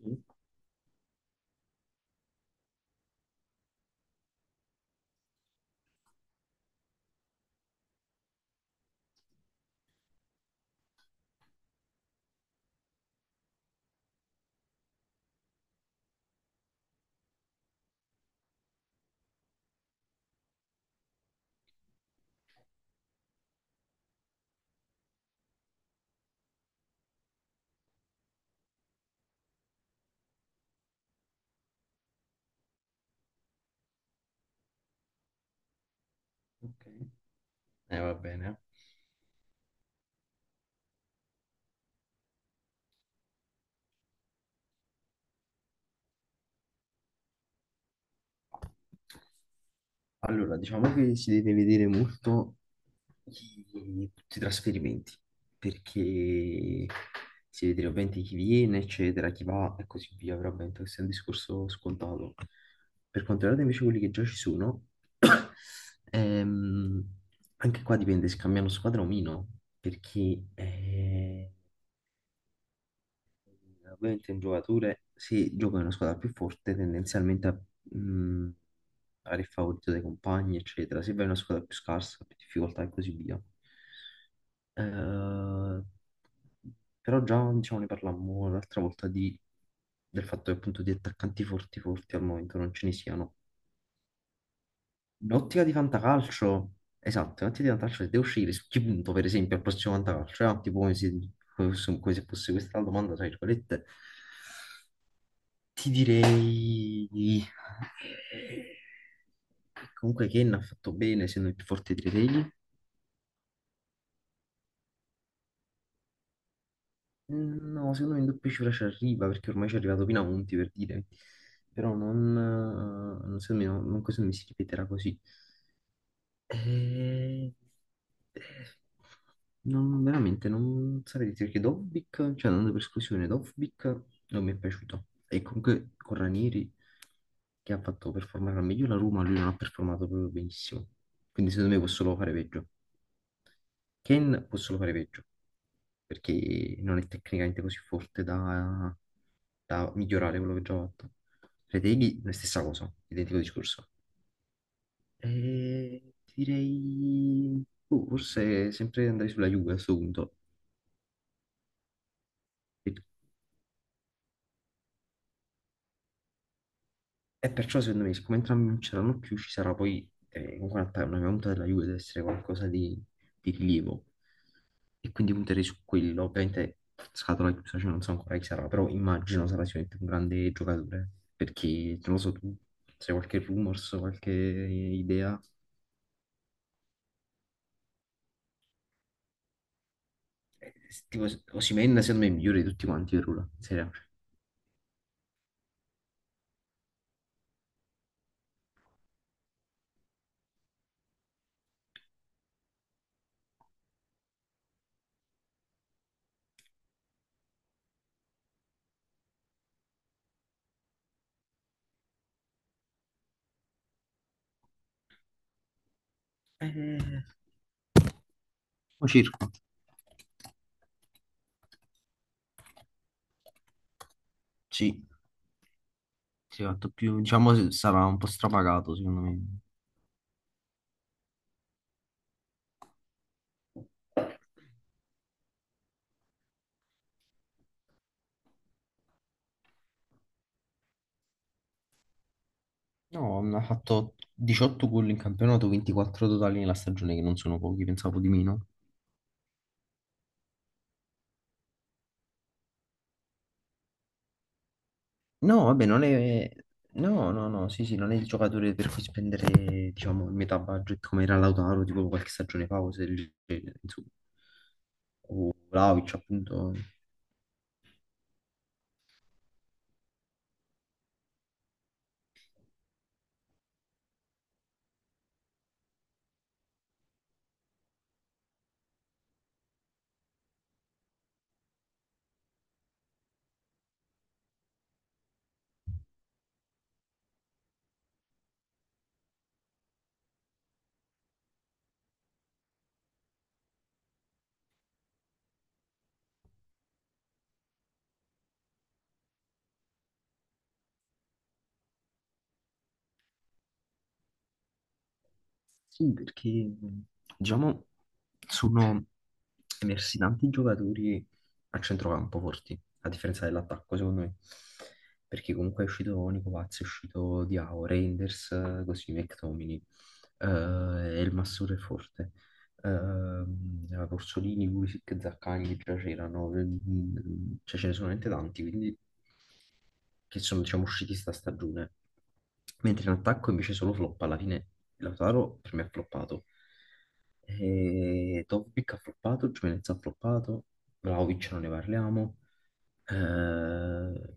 Sì, ok. Va bene. Allora, diciamo che si deve vedere molto chi- tutti i trasferimenti, perché si vede ovviamente chi viene, eccetera, chi va e così via, però ovviamente questo è un discorso scontato. Per quanto riguarda invece quelli che già ci sono, ehm, anche qua dipende se cambiano squadra o meno, perché ovviamente un giocatore, se gioca in una squadra più forte, tendenzialmente a, mh, a fare il favorito dai compagni, eccetera. Se vai in una squadra più scarsa, più difficoltà e così via. Eh, Però già diciamo, ne parlammo l'altra volta del fatto che appunto di attaccanti forti forti al momento non ce ne siano. In ottica di fantacalcio, esatto, in ottica di fantacalcio, se devo scegliere su chi punto, per esempio, al prossimo fantacalcio, tipo come se, come se fosse questa la domanda, tra virgolette. Ti direi eh, comunque Ken ha fatto bene, essendo il più forte dei tre degli. No, secondo me in doppia cifra ci arriva, perché ormai ci è arrivato Pinamonti per dire. Però non, non- Secondo me, no, secondo me si ripeterà così. Eh, non, Veramente non saprei dire perché Dovbik, cioè andando per esclusione, Dovbik non mi è piaciuto. E comunque con Ranieri, che ha fatto performare al meglio la Roma, lui non ha performato proprio benissimo. Quindi secondo me può solo fare peggio. Ken può solo fare peggio, perché non è tecnicamente così forte da, da migliorare quello che già ha fatto. Reteghi, la stessa cosa, identico discorso. Eh, Direi, boh, forse sempre andrei sulla Juve a questo punto. E, e perciò secondo me, siccome entrambi non c'erano più, ci sarà poi, comunque una mia punta della Juve deve essere qualcosa di rilievo. E quindi punterei su quello. Ovviamente scatola chiusa, cioè non so ancora chi sarà, però immagino sarà sicuramente un grande giocatore. Perché, non lo so, tu se hai qualche rumors, qualche idea, eh, tipo Osimhen secondo me è il migliore di tutti quanti per ora, in Serie A. Eh, o circa. Sì, sì, ha fatto più, diciamo, sarà un po' strapagato, secondo me. No, ha fatto 18 gol in campionato, 24 totali nella stagione, che non sono pochi, pensavo di meno. No, vabbè, non è... No, no, no, sì, sì, non è il giocatore per cui spendere, diciamo, il metà budget come era Lautaro, tipo qualche stagione fa, cose del genere, insomma, o Vlahovic, appunto. Sì, perché, diciamo, sono persi tanti giocatori a centrocampo forti, a differenza dell'attacco, secondo me. Perché comunque è uscito Nico Paz, è uscito Diao, Reinders, così McTominay, eh, Elmasur è forte, Orsolini, Pulisic, Zaccagni che già c'erano, cioè ce ne sono veramente tanti, quindi che sono diciamo usciti sta stagione. Mentre in attacco invece solo flop, alla fine Lautaro per me ha floppato. E Dovbik ha floppato, Gimenez ha floppato, Vlahovic non ne parliamo. Eh,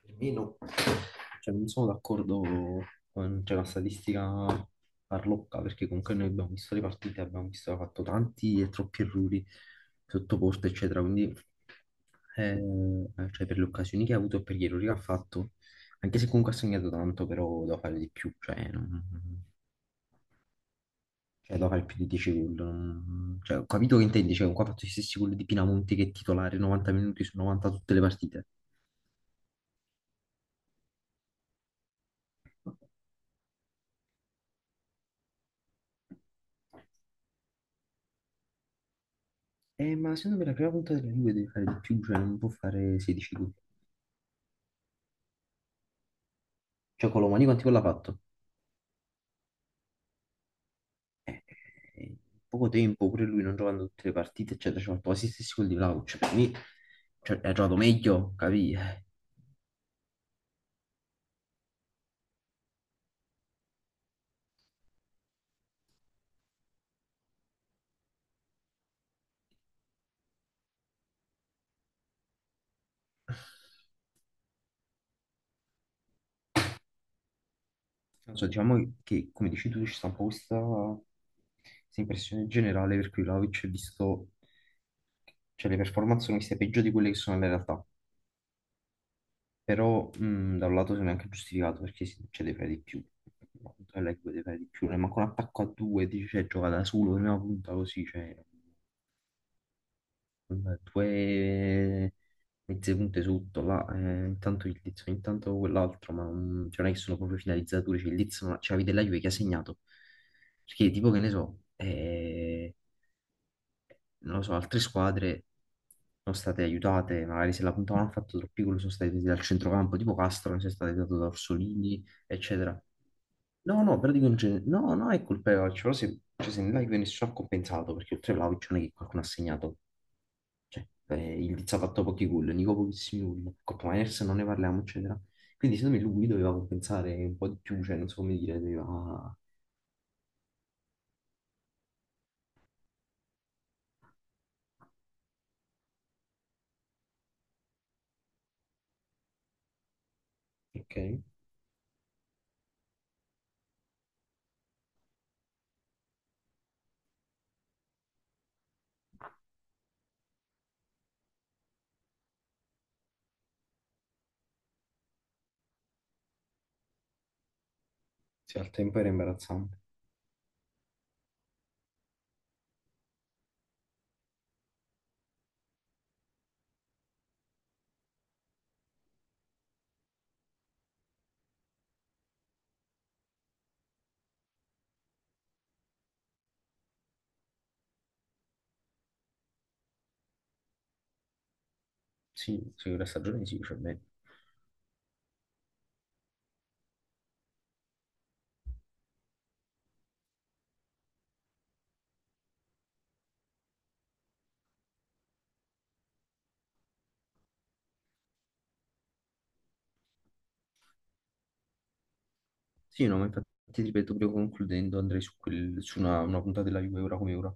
Firmino, cioè non sono d'accordo con cioè, la statistica farlocca, perché comunque noi abbiamo visto le partite, abbiamo visto, che ha fatto tanti e troppi errori sotto porta, eccetera, quindi cioè, per le occasioni che ha avuto e per gli errori che ha fatto, anche se comunque ha segnato tanto, però doveva fare di più, cioè, non- Cioè, lo fa il più di 10 gol. Non- Cioè, ho capito che intendi. Cioè, qua ha fatto gli stessi gol di Pinamonti che è titolare 90 minuti su 90 tutte le partite. Ma secondo me la prima punta della Juve deve fare di più, cioè non può fare 16 gol. Cioè, Colomani quanti gol ha fatto? In poco tempo, pure lui non giocando tutte le partite, eccetera, ci ha fatto quasi gli stessi gol di Vlahovic. Cioè, per me, cioè, ha giocato meglio, capì? Non so, diciamo che, come dici tu, ci sta un po' questa impressione generale per cui Vlahovic è visto, cioè le performance sono viste peggio di quelle che sono nella realtà. Però da un lato sono anche giustificato perché si cioè, devi fare di più. No, leggo devi fare di più, ne manca un attacco a due, dice, cioè, gioca da solo, prima punta così, cioè, con due mezze punte sotto, là, intanto il Liz, intanto quell'altro, ma non, cioè, non è che sono proprio finalizzatori, cioè il Liz, non- cioè, avete la Juve che ha segnato, perché tipo che ne so, non lo so, altre squadre sono state aiutate, magari se la puntavano hanno fatto troppi gol, sono state aiutate dal centrocampo, tipo Castro, non è stato aiutato da Orsolini, eccetera. No, no, però dico in genere, no, no, è colpa di Vlahovic, però se, cioè, se nella Juve nessuno ha compensato, perché oltre a Vlahovic non è che qualcuno ha segnato, cioè, il Diz ha fatto pochi gol, Nico pochissimi gol, Coppa Miners non ne parliamo, eccetera. Quindi secondo me lui doveva compensare un po' di più, cioè, non so come dire, doveva... Ok, sì, al tempo era imbarazzante. Sì, sì, la stagione sì, cioè, beh, sì, no, ma infatti ti ripeto, proprio concludendo, andrei su, su una puntata della Juve ora come ora.